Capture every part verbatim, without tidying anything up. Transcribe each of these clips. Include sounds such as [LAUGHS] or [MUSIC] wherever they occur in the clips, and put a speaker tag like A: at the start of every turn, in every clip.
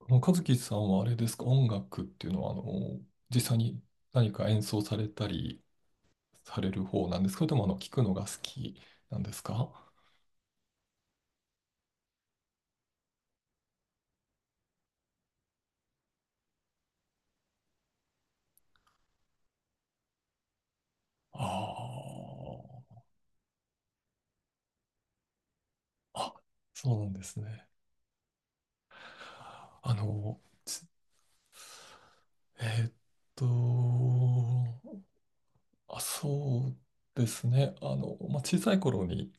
A: あの和樹さんはあれですか、音楽っていうのは、あの、実際に何か演奏されたりされる方なんですか、それともあの、聞くのが好きなんですか？ああ、あ、そうなんですね。あの、えーっと、あ、そうですね。あの、まあ、小さい頃に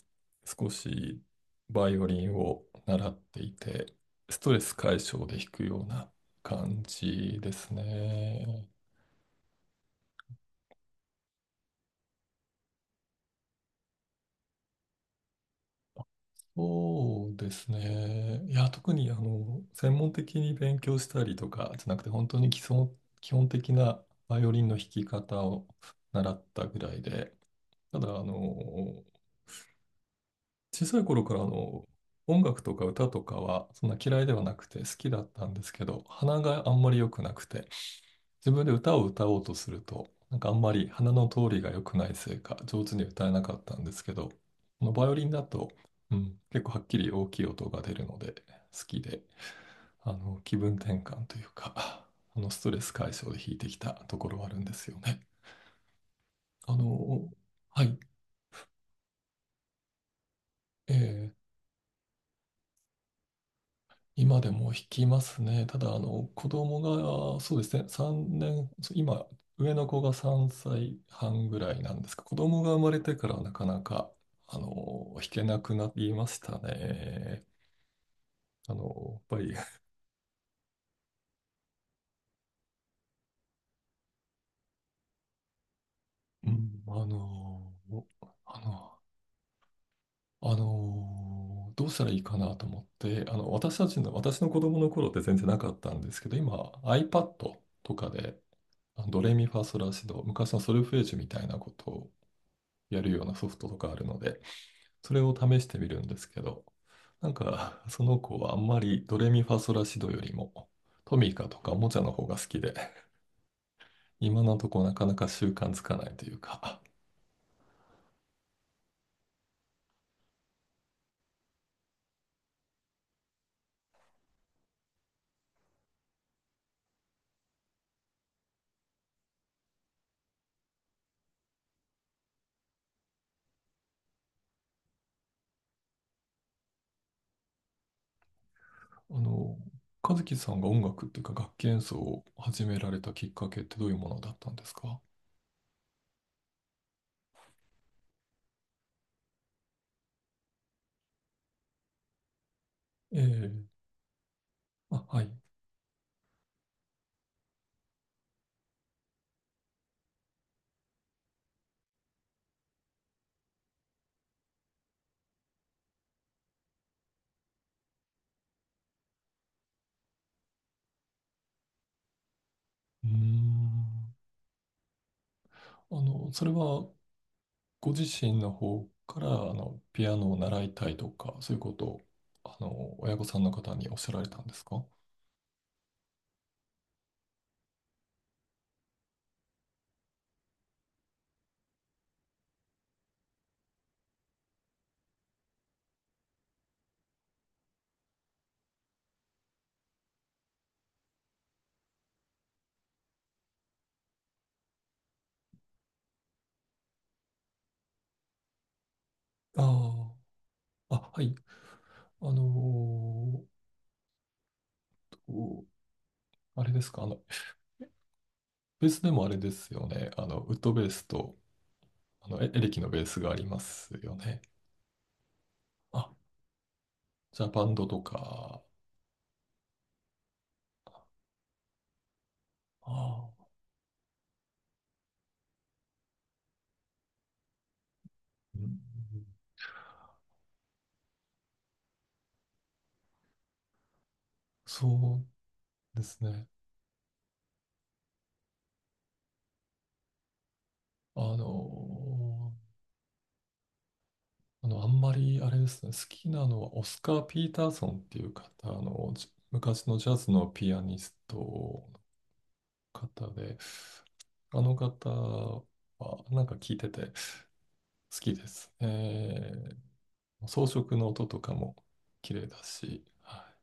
A: 少しバイオリンを習っていて、ストレス解消で弾くような感じですね。そうですね。いや、特にあの専門的に勉強したりとかじゃなくて、本当に基礎、基本的なバイオリンの弾き方を習ったぐらいで、ただ、あの、小さい頃からあの音楽とか歌とかはそんな嫌いではなくて好きだったんですけど、鼻があんまり良くなくて、自分で歌を歌おうとすると、なんかあんまり鼻の通りが良くないせいか、上手に歌えなかったんですけど、このバイオリンだと、うん、結構はっきり大きい音が出るので、好きで、あの、気分転換というか、あの、ストレス解消で弾いてきたところはあるんですよね。あの、はい。えー今でも弾きますね。ただ、あの、子供が、そうですね、さんねん、そう今、上の子がさんさいはんぐらいなんですが、子供が生まれてからなかなか、あの、弾けなくなりましたね。あの、やっぱり、うん、あの、あの、あの、どうしたらいいかなと思って、あの、私たちの、私の子供の頃って全然なかったんですけど、今、iPad とかで、あのドレミファソラシド、昔のソルフェージュみたいなことやるようなソフトとかあるので、それを試してみるんですけど、なんか、その子はあんまりドレミファソラシドよりも、トミカとかおもちゃの方が好きで、今のとこなかなか習慣つかないというか、あの、和樹さんが音楽っていうか楽器演奏を始められたきっかけってどういうものだったんですか？ええ、あ、はい。うーん。あの、それはご自身の方からあのピアノを習いたいとか、そういうことをあの親御さんの方におっしゃられたんですか？ああ、あ、はい。あのーあれですか、あの、ベースでもあれですよね。あの、ウッドベースとあのエエレキのベースがありますよね。あ、じゃあバンドとか。ああ、うん、そうですね。あのーあの、あんまりあれですね、好きなのはオスカー・ピーターソンっていう方あの、じ昔のジャズのピアニストの方で、あの方はなんか聴いてて好きですね。装飾の音とかも綺麗だし、はい、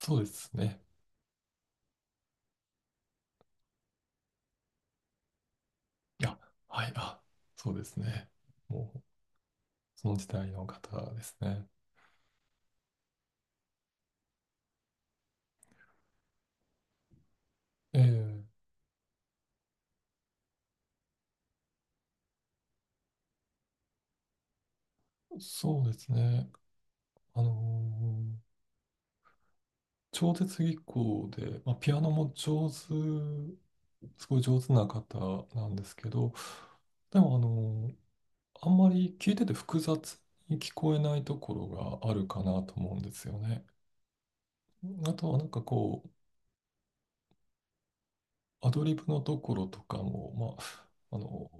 A: そうですね。いや、はい、あ、そうですね。もうその時代の方ですね。ええ、そうですね。あのー超絶技巧で、まあ、ピアノも上手、すごい上手な方なんですけど、でもあの、あんまり聞いてて複雑に聞こえないところがあるかなと思うんですよね。あとはなんかこう、アドリブのところとかも、まあ、あの、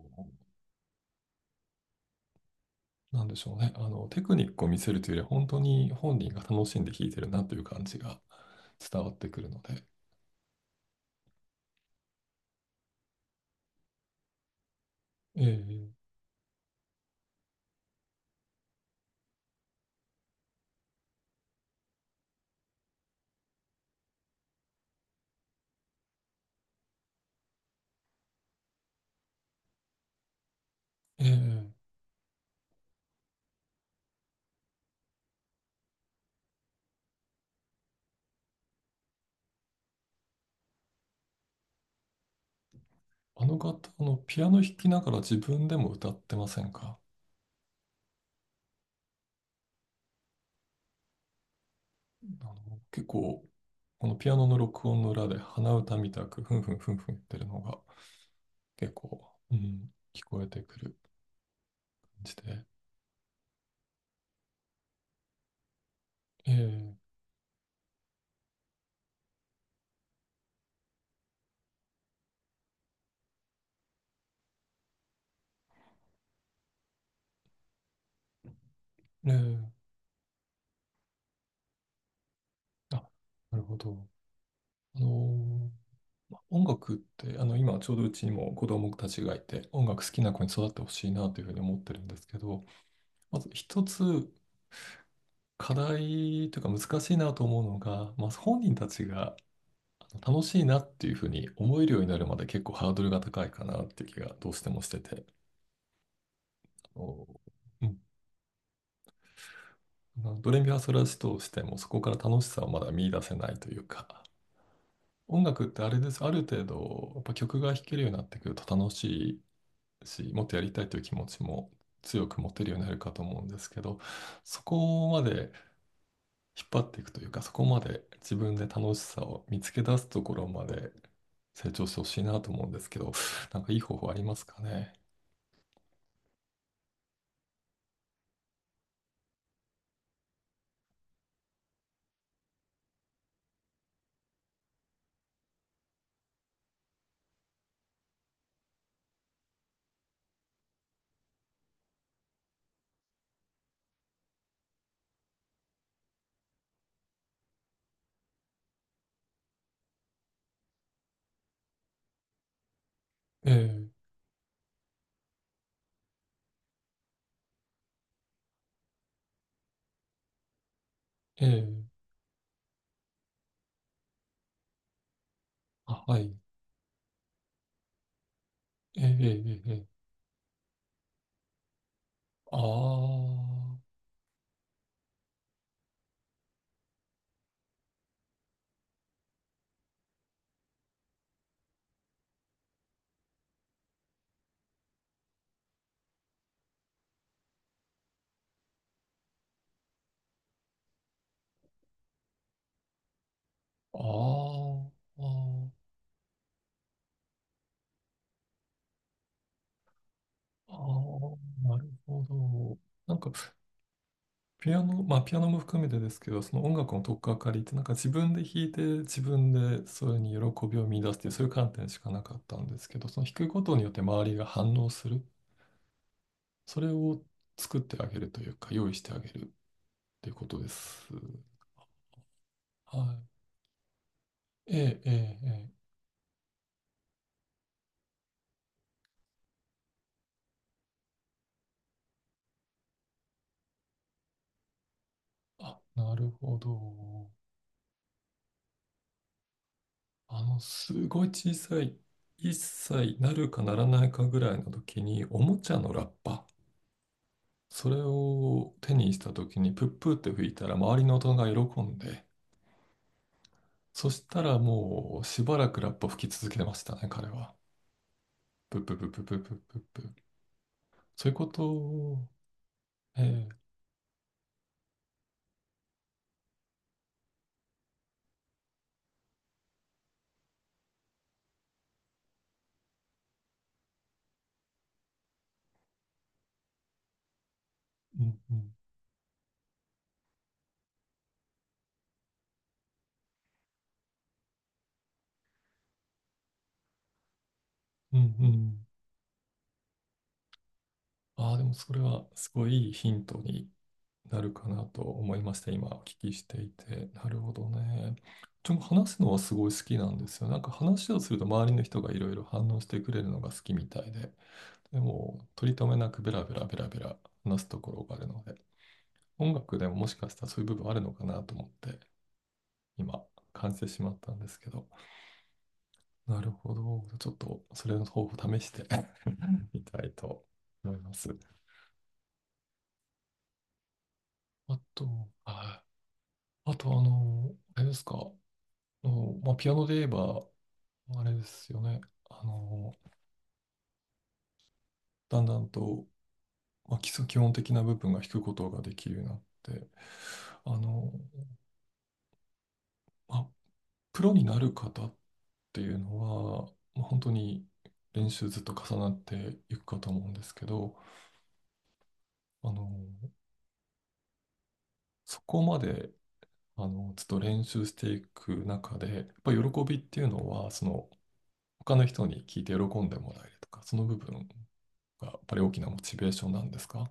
A: なんでしょうね、あの、テクニックを見せるというよりは、本当に本人が楽しんで弾いてるなという感じが伝わってくるので、ええええあの方、あの、ピアノ弾きながら自分でも歌ってませんか？あの、結構、このピアノの録音の裏で鼻歌みたく、ふんふんふんふん言ってるのが、結構、うん、聞こえてくる感じで。ええええあ、なるほど。あのーま音楽って、あの、今ちょうどうちにも子供たちがいて、音楽好きな子に育ってほしいなというふうに思ってるんですけど、まず一つ課題というか難しいなと思うのが、まあ、本人たちが楽しいなっていうふうに思えるようになるまで結構ハードルが高いかなっていう気がどうしてもしてて、あの、うん、まあドレミファソラシとしてもそこから楽しさをまだ見出せないというか、音楽ってあれです。ある程度、やっぱ曲が弾けるようになってくると楽しいし、もっとやりたいという気持ちも強く持てるようになるかと思うんですけど、そこまで引っ張っていくというか、そこまで自分で楽しさを見つけ出すところまで成長してほしいなと思うんですけど、なんかいい方法ありますかね。ええ、ええ、あ、はい。ええ、ええ、ええ。ああ、ああ、ああ、なるほど。なんか、ピアノ、まあ、ピアノも含めてですけど、その音楽の取っかかりって、なんか自分で弾いて、自分でそれに喜びを見出すっていう、そういう観点しかなかったんですけど、その弾くことによって周りが反応する。それを作ってあげるというか、用意してあげるっていうことです。はい。ええ、ええ、ええ。あ、なるほど。あの、すごい小さい、一歳なるかならないかぐらいの時に、おもちゃのラッパ、それを手にした時に、プップーって吹いたら、周りの大人が喜んで、そしたらもう、しばらくラッパ吹き続けてましたね、彼は。プッププププププププ。そういうことを、ええうんうん、うんうん。ああ、でもそれは、すごいいいヒントになるかなと思いました。今お聞きしていて。なるほどね。ちょ、話すのはすごい好きなんですよ。なんか話をすると周りの人がいろいろ反応してくれるのが好きみたいで、でも取り留めなくベラベラベラベラ話すところがあるので、音楽でももしかしたらそういう部分あるのかなと思って今感じてしまったんですけど、なるほど。ちょっとそれの方法を試して [LAUGHS] みたいと思います。あと、ああとあの、あれですか、あのまあ、ピアノで言えば、あれですよね。あの、だんだんと、まあ、基礎基本的な部分が弾くことができるようになって、あの、まあ、プロになる方っていうのは、まあ、本当に練習ずっと重なっていくかと思うんですけど、あの、そこまで、あの、ずっと練習していく中で、やっぱり喜びっていうのは、その、他の人に聞いて喜んでもらえるとか、その部分がやっぱり大きなモチベーションなんですか？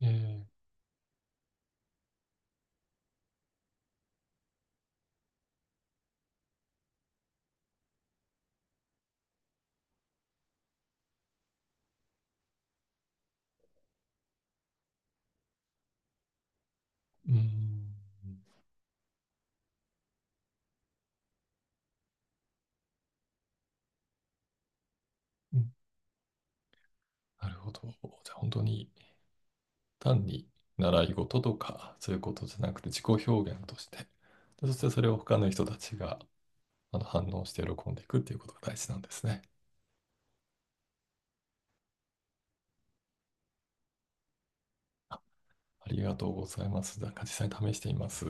A: ええ、うん。なるほど。じゃあ本当に単に習い事とかそういうことじゃなくて自己表現として、でそしてそれを他の人たちがあの反応して喜んでいくっていうことが大事なんですね。ありがとうございます。なんか実際に試してみます。